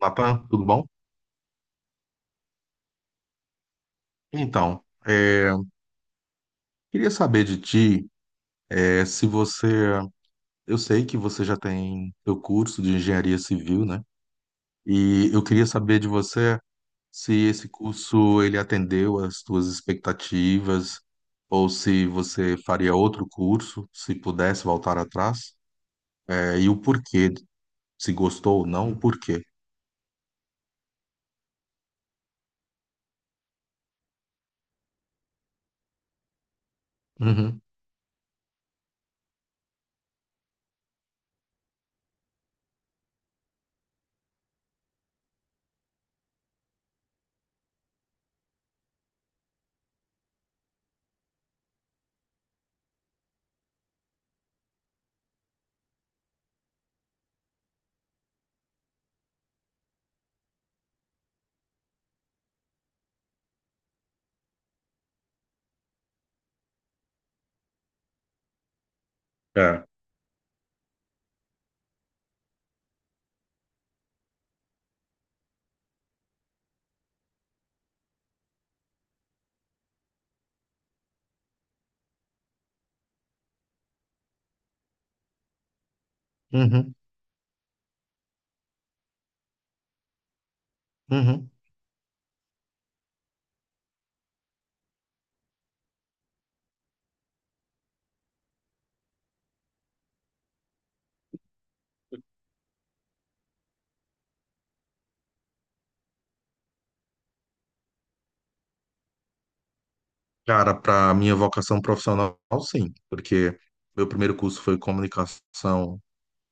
Natan, tudo bom? Então, queria saber de ti, se você, eu sei que você já tem seu curso de engenharia civil, né? E eu queria saber de você se esse curso ele atendeu às tuas expectativas ou se você faria outro curso, se pudesse voltar atrás, e o porquê, se gostou ou não, o porquê. Uhum. É. Uhum. Uhum. Cara, para minha vocação profissional, sim, porque meu primeiro curso foi comunicação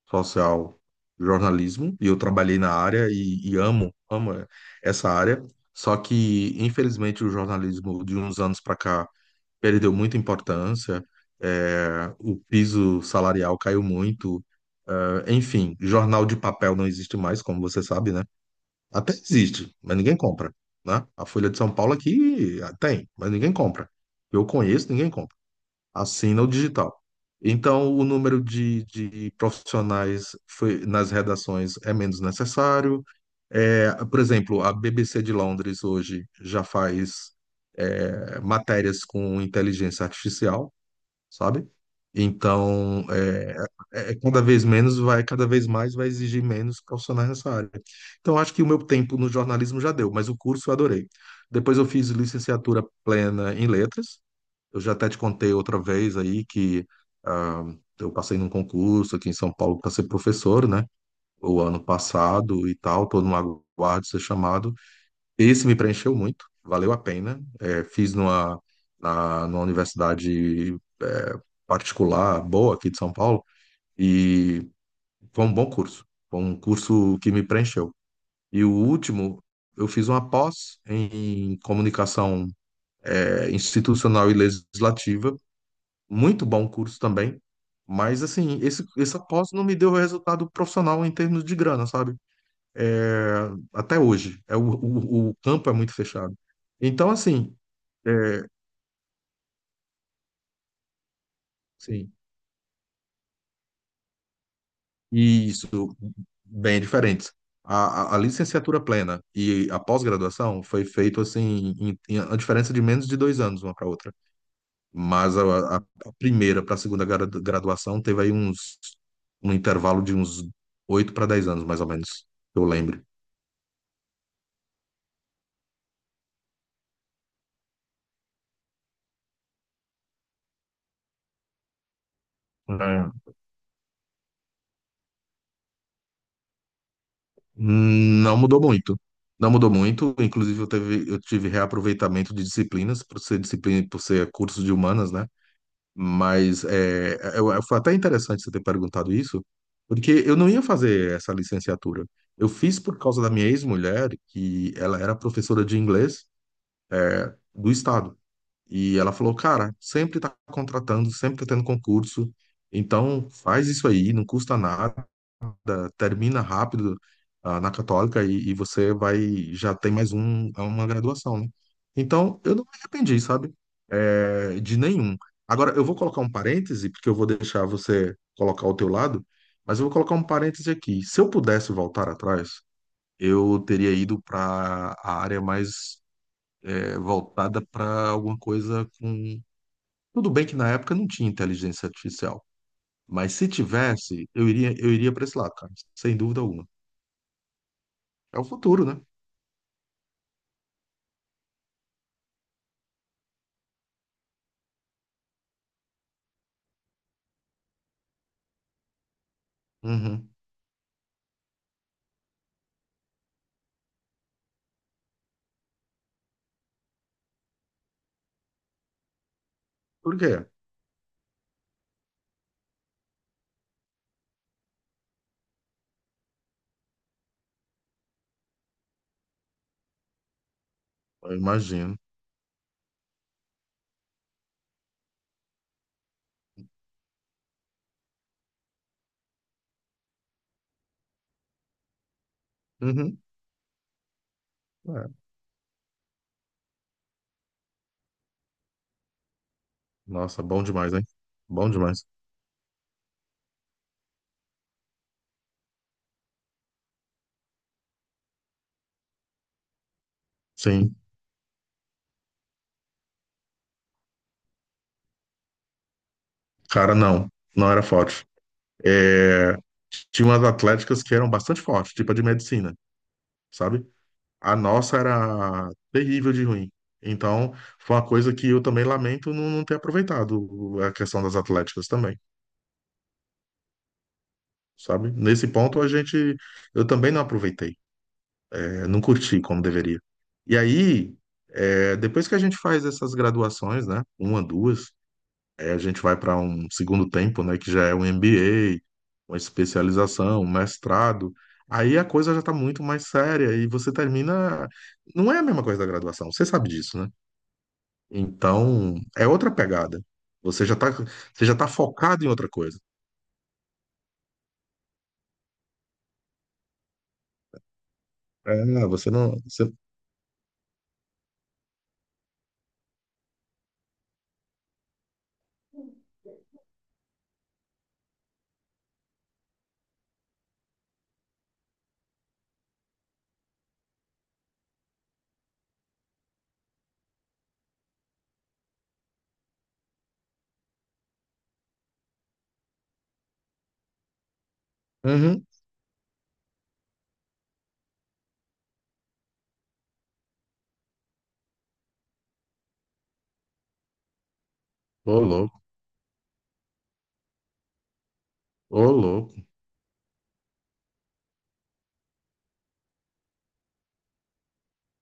social, jornalismo, e eu trabalhei na área e amo essa área. Só que, infelizmente, o jornalismo de uns anos para cá perdeu muita importância, o piso salarial caiu muito, enfim, jornal de papel não existe mais, como você sabe, né? Até existe, mas ninguém compra, né? A Folha de São Paulo aqui tem, mas ninguém compra. Eu conheço, ninguém compra. Assina o digital. Então, o número de profissionais foi- nas redações é menos necessário. É, por exemplo, a BBC de Londres hoje já faz matérias com inteligência artificial, sabe? Então, é cada vez menos vai, cada vez mais vai exigir menos profissionais nessa área. Então, acho que o meu tempo no jornalismo já deu, mas o curso eu adorei. Depois eu fiz licenciatura plena em letras. Eu já até te contei outra vez aí que ah, eu passei num concurso aqui em São Paulo para ser professor, né? O ano passado e tal, estou no aguardo de ser chamado. Esse me preencheu muito, valeu a pena. É, fiz numa universidade é, particular boa aqui de São Paulo e foi um bom curso, foi um curso que me preencheu. E o último, eu fiz uma pós em comunicação institucional e legislativa, muito bom curso também, mas assim, essa pós não me deu resultado profissional em termos de grana, sabe? É, até hoje. É, o campo é muito fechado. Então, assim, é, sim, e isso bem diferentes. A licenciatura plena e a pós-graduação foi feito assim, em a diferença de menos de dois anos uma para outra. Mas a primeira para a segunda gra- graduação teve aí uns um intervalo de uns oito para dez anos, mais ou menos, que eu lembro. Não mudou muito. Não mudou muito. Inclusive, eu tive reaproveitamento de disciplinas, por ser disciplina, por ser curso de humanas, né? Mas foi até interessante você ter perguntado isso, porque eu não ia fazer essa licenciatura. Eu fiz por causa da minha ex-mulher, que ela era professora de inglês do estado. E ela falou, cara, sempre tá contratando, sempre tá tendo concurso, então faz isso aí, não custa nada da- termina rápido, na Católica e você vai já tem mais um, é uma graduação, né? Então, eu não me arrependi, sabe? É, de nenhum. Agora, eu vou colocar um parêntese, porque eu vou deixar você colocar o teu lado, mas eu vou colocar um parêntese aqui. Se eu pudesse voltar atrás, eu teria ido para a área mais voltada para alguma coisa com. Tudo bem que na época não tinha inteligência artificial, mas se tivesse, eu iria para esse lado, cara, sem dúvida alguma. É o futuro, né? Uhum. Por quê? Eu imagino. Uhum. É. Nossa, bom demais, hein? Bom demais. Sim. Cara, não. Não era forte. É... Tinha umas atléticas que eram bastante fortes, tipo a de medicina, sabe? A nossa era terrível de ruim. Então, foi uma coisa que eu também lamento não ter aproveitado a questão das atléticas também, sabe? Nesse ponto, a gente... Eu também não aproveitei. Eu não curti como deveria. E aí, é, depois que a gente faz essas graduações, né, uma, duas, é, a gente vai para um segundo tempo, né, que já é um MBA, uma especialização, um mestrado. Aí a coisa já está muito mais séria e você termina. Não é a mesma coisa da graduação, você sabe disso, né? Então, é outra pegada. Você já está Você já tá focado em outra coisa. É, você não. Você... Uhum. Ô, louco, ô, louco.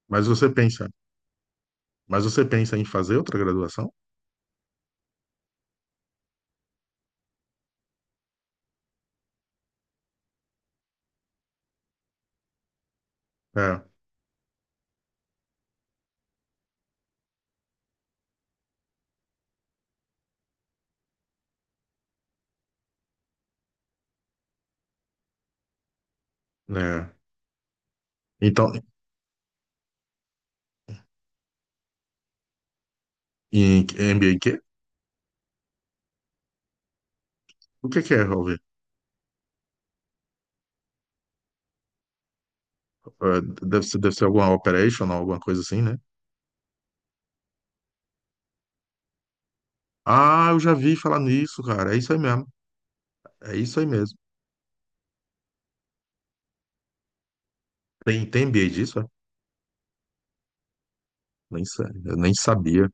Mas você pensa, mas você pensa em fazer outra graduação? É, é. Então, em NBA quê? O que que é, Robert? É, deve ser, alguma operation, alguma coisa assim, né? Ah, eu já vi falar nisso, cara. É isso aí mesmo. É isso aí mesmo. Tem, tem NBA disso, é? Nem, sa- eu nem sabia.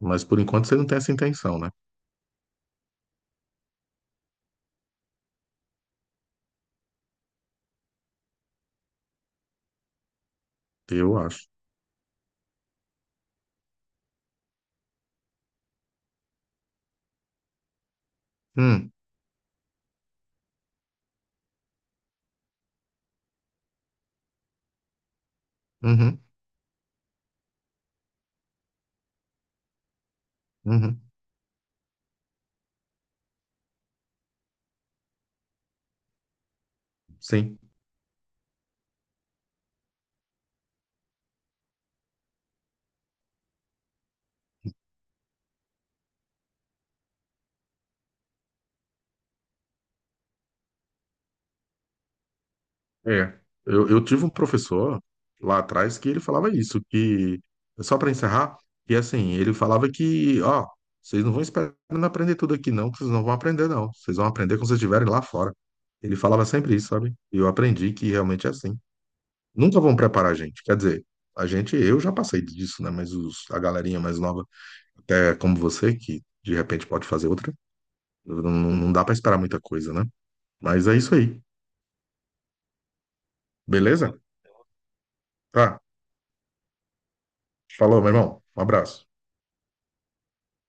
Mas por enquanto você não tem essa intenção, né? Eu acho. Hum, uhum, uhum. Sim. É, eu tive um professor lá atrás que ele falava isso, que, só para encerrar, que assim, ele falava que, ó, vocês não vão esperar aprender tudo aqui não, que vocês não vão aprender não, vocês vão aprender quando vocês estiverem lá fora. Ele falava sempre isso, sabe? E eu aprendi que realmente é assim. Nunca vão preparar a gente, quer dizer, a gente, eu já passei disso, né, mas os, a galerinha mais nova, até como você, que de repente pode fazer outra, não dá para esperar muita coisa, né? Mas é isso aí, beleza? Tá, falou, meu irmão, um abraço.